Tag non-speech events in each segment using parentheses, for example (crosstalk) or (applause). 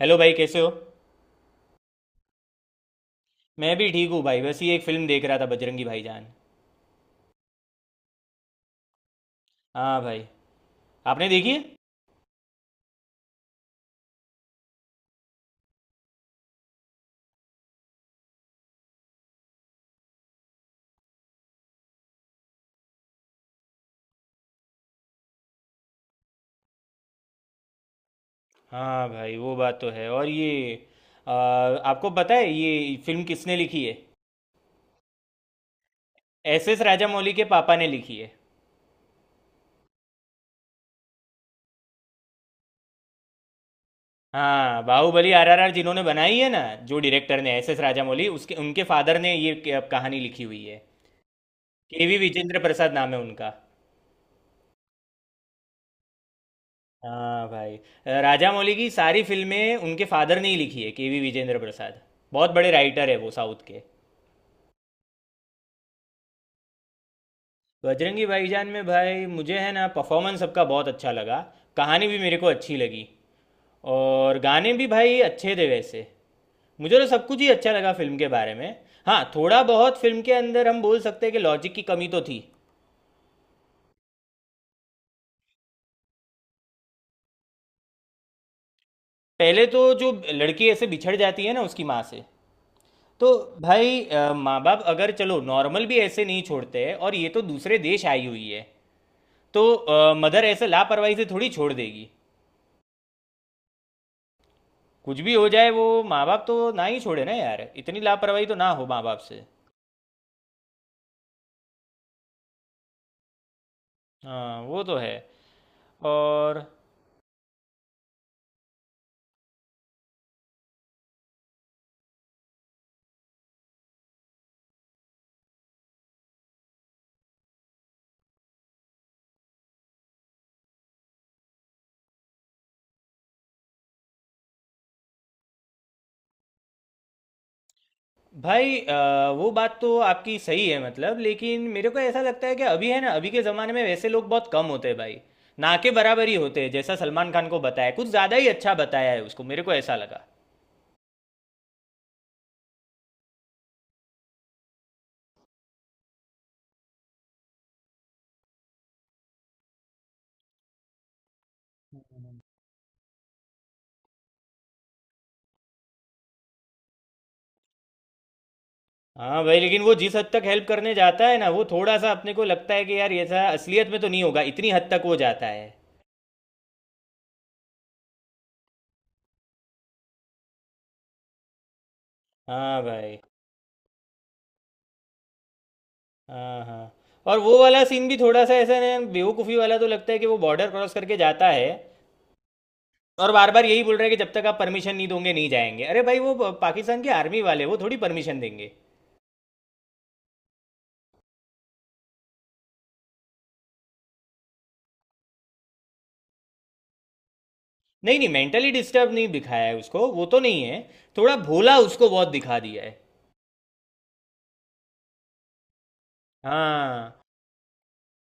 Hello भाई, कैसे हो? मैं भी ठीक हूँ भाई। बस ये एक फिल्म देख रहा था, बजरंगी भाईजान। हाँ भाई। आपने देखी है? हाँ भाई, वो बात तो है। और ये आपको पता है ये फिल्म किसने लिखी है? एस एस राजामौली के पापा ने लिखी है। हाँ, बाहुबली आरआरआर जिन्होंने बनाई है ना, जो डायरेक्टर ने एस एस राजामौली उसके उनके फादर ने ये कहानी लिखी हुई है। के वी विजेंद्र प्रसाद नाम है उनका। हाँ भाई, राजामौली की सारी फिल्में उनके फादर ने ही लिखी है, के वी विजेंद्र प्रसाद। बहुत बड़े राइटर है वो साउथ के। बजरंगी भाईजान में भाई, मुझे है ना, परफॉर्मेंस सबका बहुत अच्छा लगा। कहानी भी मेरे को अच्छी लगी। और गाने भी भाई अच्छे थे वैसे। मुझे तो सब कुछ ही अच्छा लगा फिल्म के बारे में। हाँ, थोड़ा बहुत फिल्म के अंदर हम बोल सकते हैं कि लॉजिक की कमी तो थी। पहले तो जो लड़की ऐसे बिछड़ जाती है ना उसकी माँ से, तो भाई, माँ बाप अगर चलो नॉर्मल भी ऐसे नहीं छोड़ते हैं, और ये तो दूसरे देश आई हुई है। तो मदर ऐसे लापरवाही से थोड़ी छोड़ देगी। कुछ भी हो जाए वो माँ बाप तो ना ही छोड़े ना यार, इतनी लापरवाही तो ना हो माँ बाप से। हाँ वो तो है। और भाई, वो बात तो आपकी सही है मतलब, लेकिन मेरे को ऐसा लगता है कि अभी है ना, अभी के ज़माने में वैसे लोग बहुत कम होते हैं भाई। ना के बराबर ही होते हैं। जैसा सलमान खान को बताया, कुछ ज़्यादा ही अच्छा बताया है उसको, मेरे को ऐसा लगा। हाँ भाई, लेकिन वो जिस हद तक हेल्प करने जाता है ना, वो थोड़ा सा अपने को लगता है कि यार ऐसा असलियत में तो नहीं होगा, इतनी हद तक वो जाता है। हाँ भाई। हाँ हाँ। और वो वाला सीन भी थोड़ा सा ऐसा ना बेवकूफ़ी वाला तो लगता है कि वो बॉर्डर क्रॉस करके जाता है, और बार बार यही बोल रहा है कि जब तक आप परमिशन नहीं दोगे नहीं जाएंगे। अरे भाई, वो पाकिस्तान के आर्मी वाले वो थोड़ी परमिशन देंगे। नहीं नहीं, मेंटली डिस्टर्ब नहीं दिखाया है उसको, वो तो नहीं है। थोड़ा भोला उसको बहुत दिखा दिया है। हाँ।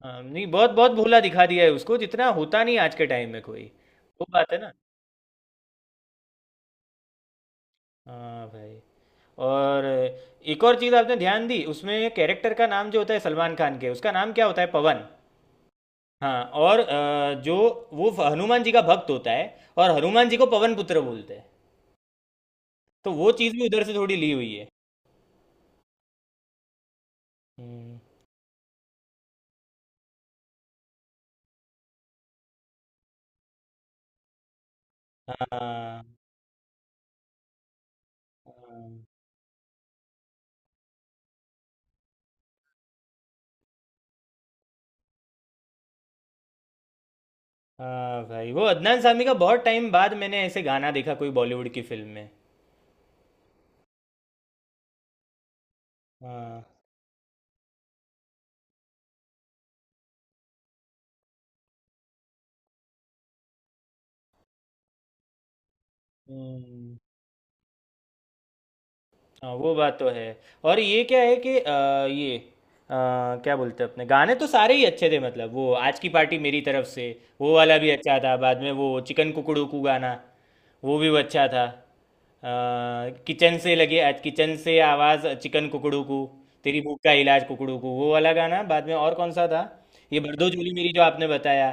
हाँ नहीं, बहुत बहुत भोला दिखा दिया है उसको, जितना होता नहीं आज के टाइम में कोई। वो बात है ना। हाँ भाई। और एक और चीज़ आपने ध्यान दी उसमें, कैरेक्टर का नाम जो होता है सलमान खान के, उसका नाम क्या होता है? पवन। हाँ, और जो वो हनुमान जी का भक्त होता है, और हनुमान जी को पवन पुत्र बोलते हैं। तो वो चीज़ भी उधर से थोड़ी ली हुई है। हम्म। हाँ। हाँ हाँ भाई, वो अदनान सामी का बहुत टाइम बाद मैंने ऐसे गाना देखा कोई बॉलीवुड की फिल्म में। हाँ। हम्म। हाँ वो बात तो है। और ये क्या है कि क्या बोलते हैं, अपने गाने तो सारे ही अच्छे थे मतलब। वो आज की पार्टी मेरी तरफ से, वो वाला भी अच्छा था। बाद में वो चिकन कुकड़ू कू गाना, वो भी अच्छा था। किचन से लगे आज किचन से आवाज़ चिकन कुकड़ू कू, तेरी भूख का इलाज कुकड़ू कू, वो वाला गाना। बाद में और कौन सा था, ये बरदो जोली मेरी जो आपने बताया।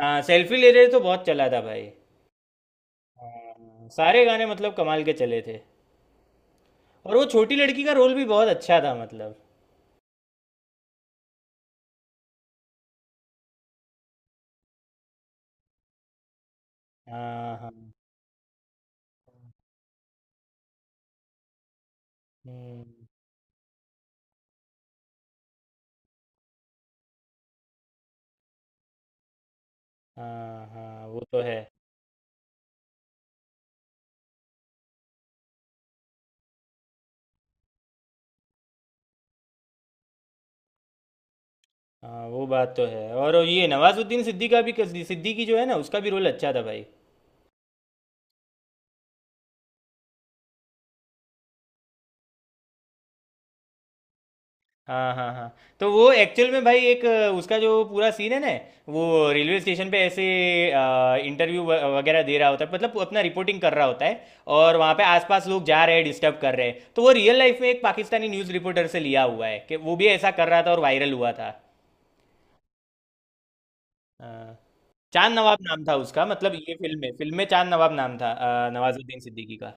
हाँ सेल्फी ले रहे तो बहुत चला था भाई। हाँ, सारे गाने मतलब कमाल के चले थे। और वो छोटी लड़की का रोल भी बहुत अच्छा था मतलब। हाँ हाँ। हम्म। हाँ हाँ वो तो है। हाँ वो बात तो है। और ये नवाजुद्दीन सिद्दीकी का, भी सिद्दीकी जो है ना उसका भी रोल अच्छा था भाई। हाँ, हाँ, हाँ। तो वो एक्चुअल में भाई एक उसका जो पूरा सीन है ना, वो रेलवे स्टेशन पे ऐसे इंटरव्यू वगैरह दे रहा होता है, मतलब अपना रिपोर्टिंग कर रहा होता है, और वहाँ पे आसपास लोग जा रहे हैं डिस्टर्ब कर रहे हैं। तो वो रियल लाइफ में एक पाकिस्तानी न्यूज़ रिपोर्टर से लिया हुआ है कि वो भी ऐसा कर रहा था और वायरल हुआ था। हाँ। चांद नवाब नाम था उसका, मतलब ये फिल्म में चांद नवाब नाम था, नवाजुद्दीन सिद्दीकी का।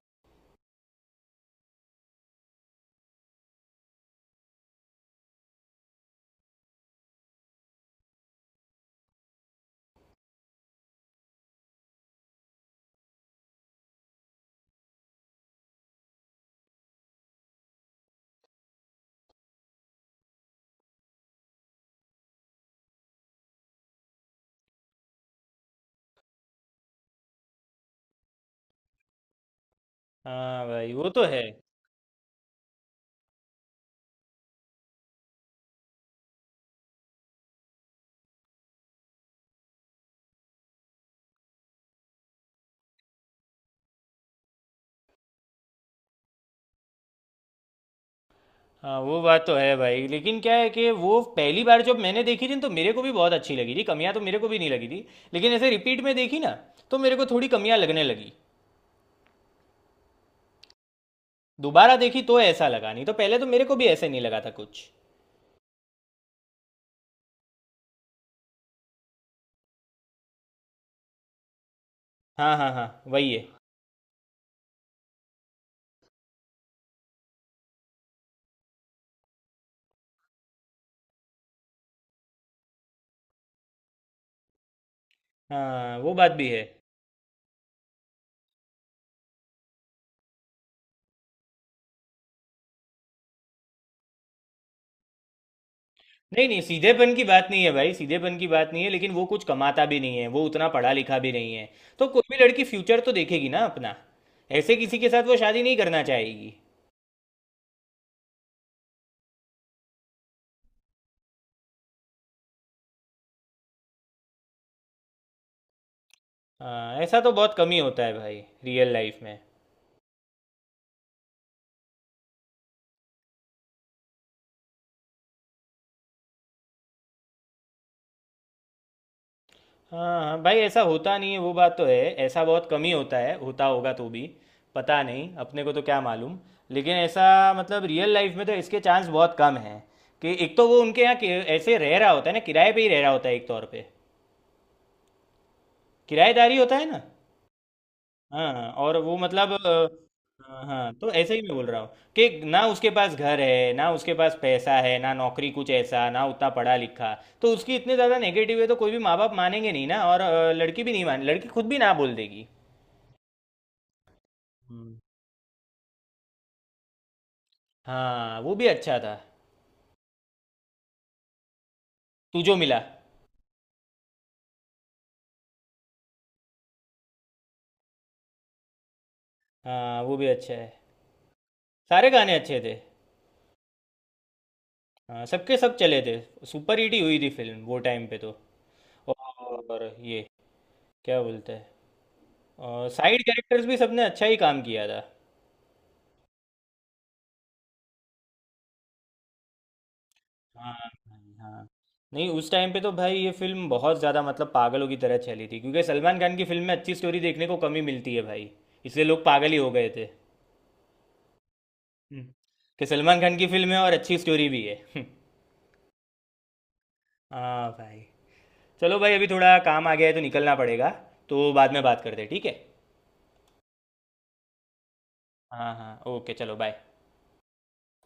हाँ भाई वो तो है। हाँ वो बात तो है भाई, लेकिन क्या है कि वो पहली बार जब मैंने देखी थी न, तो मेरे को भी बहुत अच्छी लगी थी, कमियां तो मेरे को भी नहीं लगी थी। लेकिन ऐसे रिपीट में देखी ना, तो मेरे को थोड़ी कमियां लगने लगी। दोबारा देखी तो ऐसा लगा, नहीं तो पहले तो मेरे को भी ऐसे नहीं लगा था कुछ। हाँ हाँ हाँ, वही है। हाँ वो बात भी है। नहीं नहीं, सीधेपन की बात नहीं है भाई, सीधेपन की बात नहीं है, लेकिन वो कुछ कमाता भी नहीं है, वो उतना पढ़ा लिखा भी नहीं है। तो कोई भी लड़की फ्यूचर तो देखेगी ना अपना, ऐसे किसी के साथ वो शादी नहीं करना चाहेगी। हाँ ऐसा तो बहुत कम ही होता है भाई रियल लाइफ में। हाँ हाँ भाई, ऐसा होता नहीं है, वो बात तो है। ऐसा बहुत कम ही होता है, होता होगा तो भी पता नहीं, अपने को तो क्या मालूम। लेकिन ऐसा मतलब रियल लाइफ में तो इसके चांस बहुत कम हैं, कि एक तो वो उनके यहाँ ऐसे रह रहा होता है ना, किराए पे ही रह रहा होता है एक तौर पे, किराएदारी होता है ना। हाँ हाँ, और वो मतलब हाँ हाँ, तो ऐसे ही मैं बोल रहा हूँ कि ना उसके पास घर है, ना उसके पास पैसा है, ना नौकरी, कुछ ऐसा, ना उतना पढ़ा लिखा। तो उसकी इतने ज़्यादा नेगेटिव है तो कोई भी माँ बाप मानेंगे नहीं ना, और लड़की भी नहीं मान, लड़की खुद भी ना बोल देगी। हम्म। हाँ वो भी अच्छा था। तू जो मिला। हाँ वो भी अच्छा है। सारे गाने अच्छे थे। हाँ सबके सब चले थे, सुपर हिट ही हुई थी फिल्म वो टाइम पे तो। और ये क्या बोलते हैं, और साइड कैरेक्टर्स भी सबने अच्छा ही काम किया था। हाँ भाई, हाँ। नहीं उस टाइम पे तो भाई ये फिल्म बहुत ज़्यादा मतलब पागलों की तरह चली थी, क्योंकि सलमान खान की फिल्म में अच्छी स्टोरी देखने को कमी मिलती है भाई, इसलिए लोग पागल ही हो गए थे। हम्म। कि सलमान खान की फिल्म है और अच्छी स्टोरी भी है। (laughs) हाँ भाई। चलो भाई, अभी थोड़ा काम आ गया है तो निकलना पड़ेगा, तो बाद में बात करते हैं, ठीक है? हाँ हाँ ओके, चलो बाय।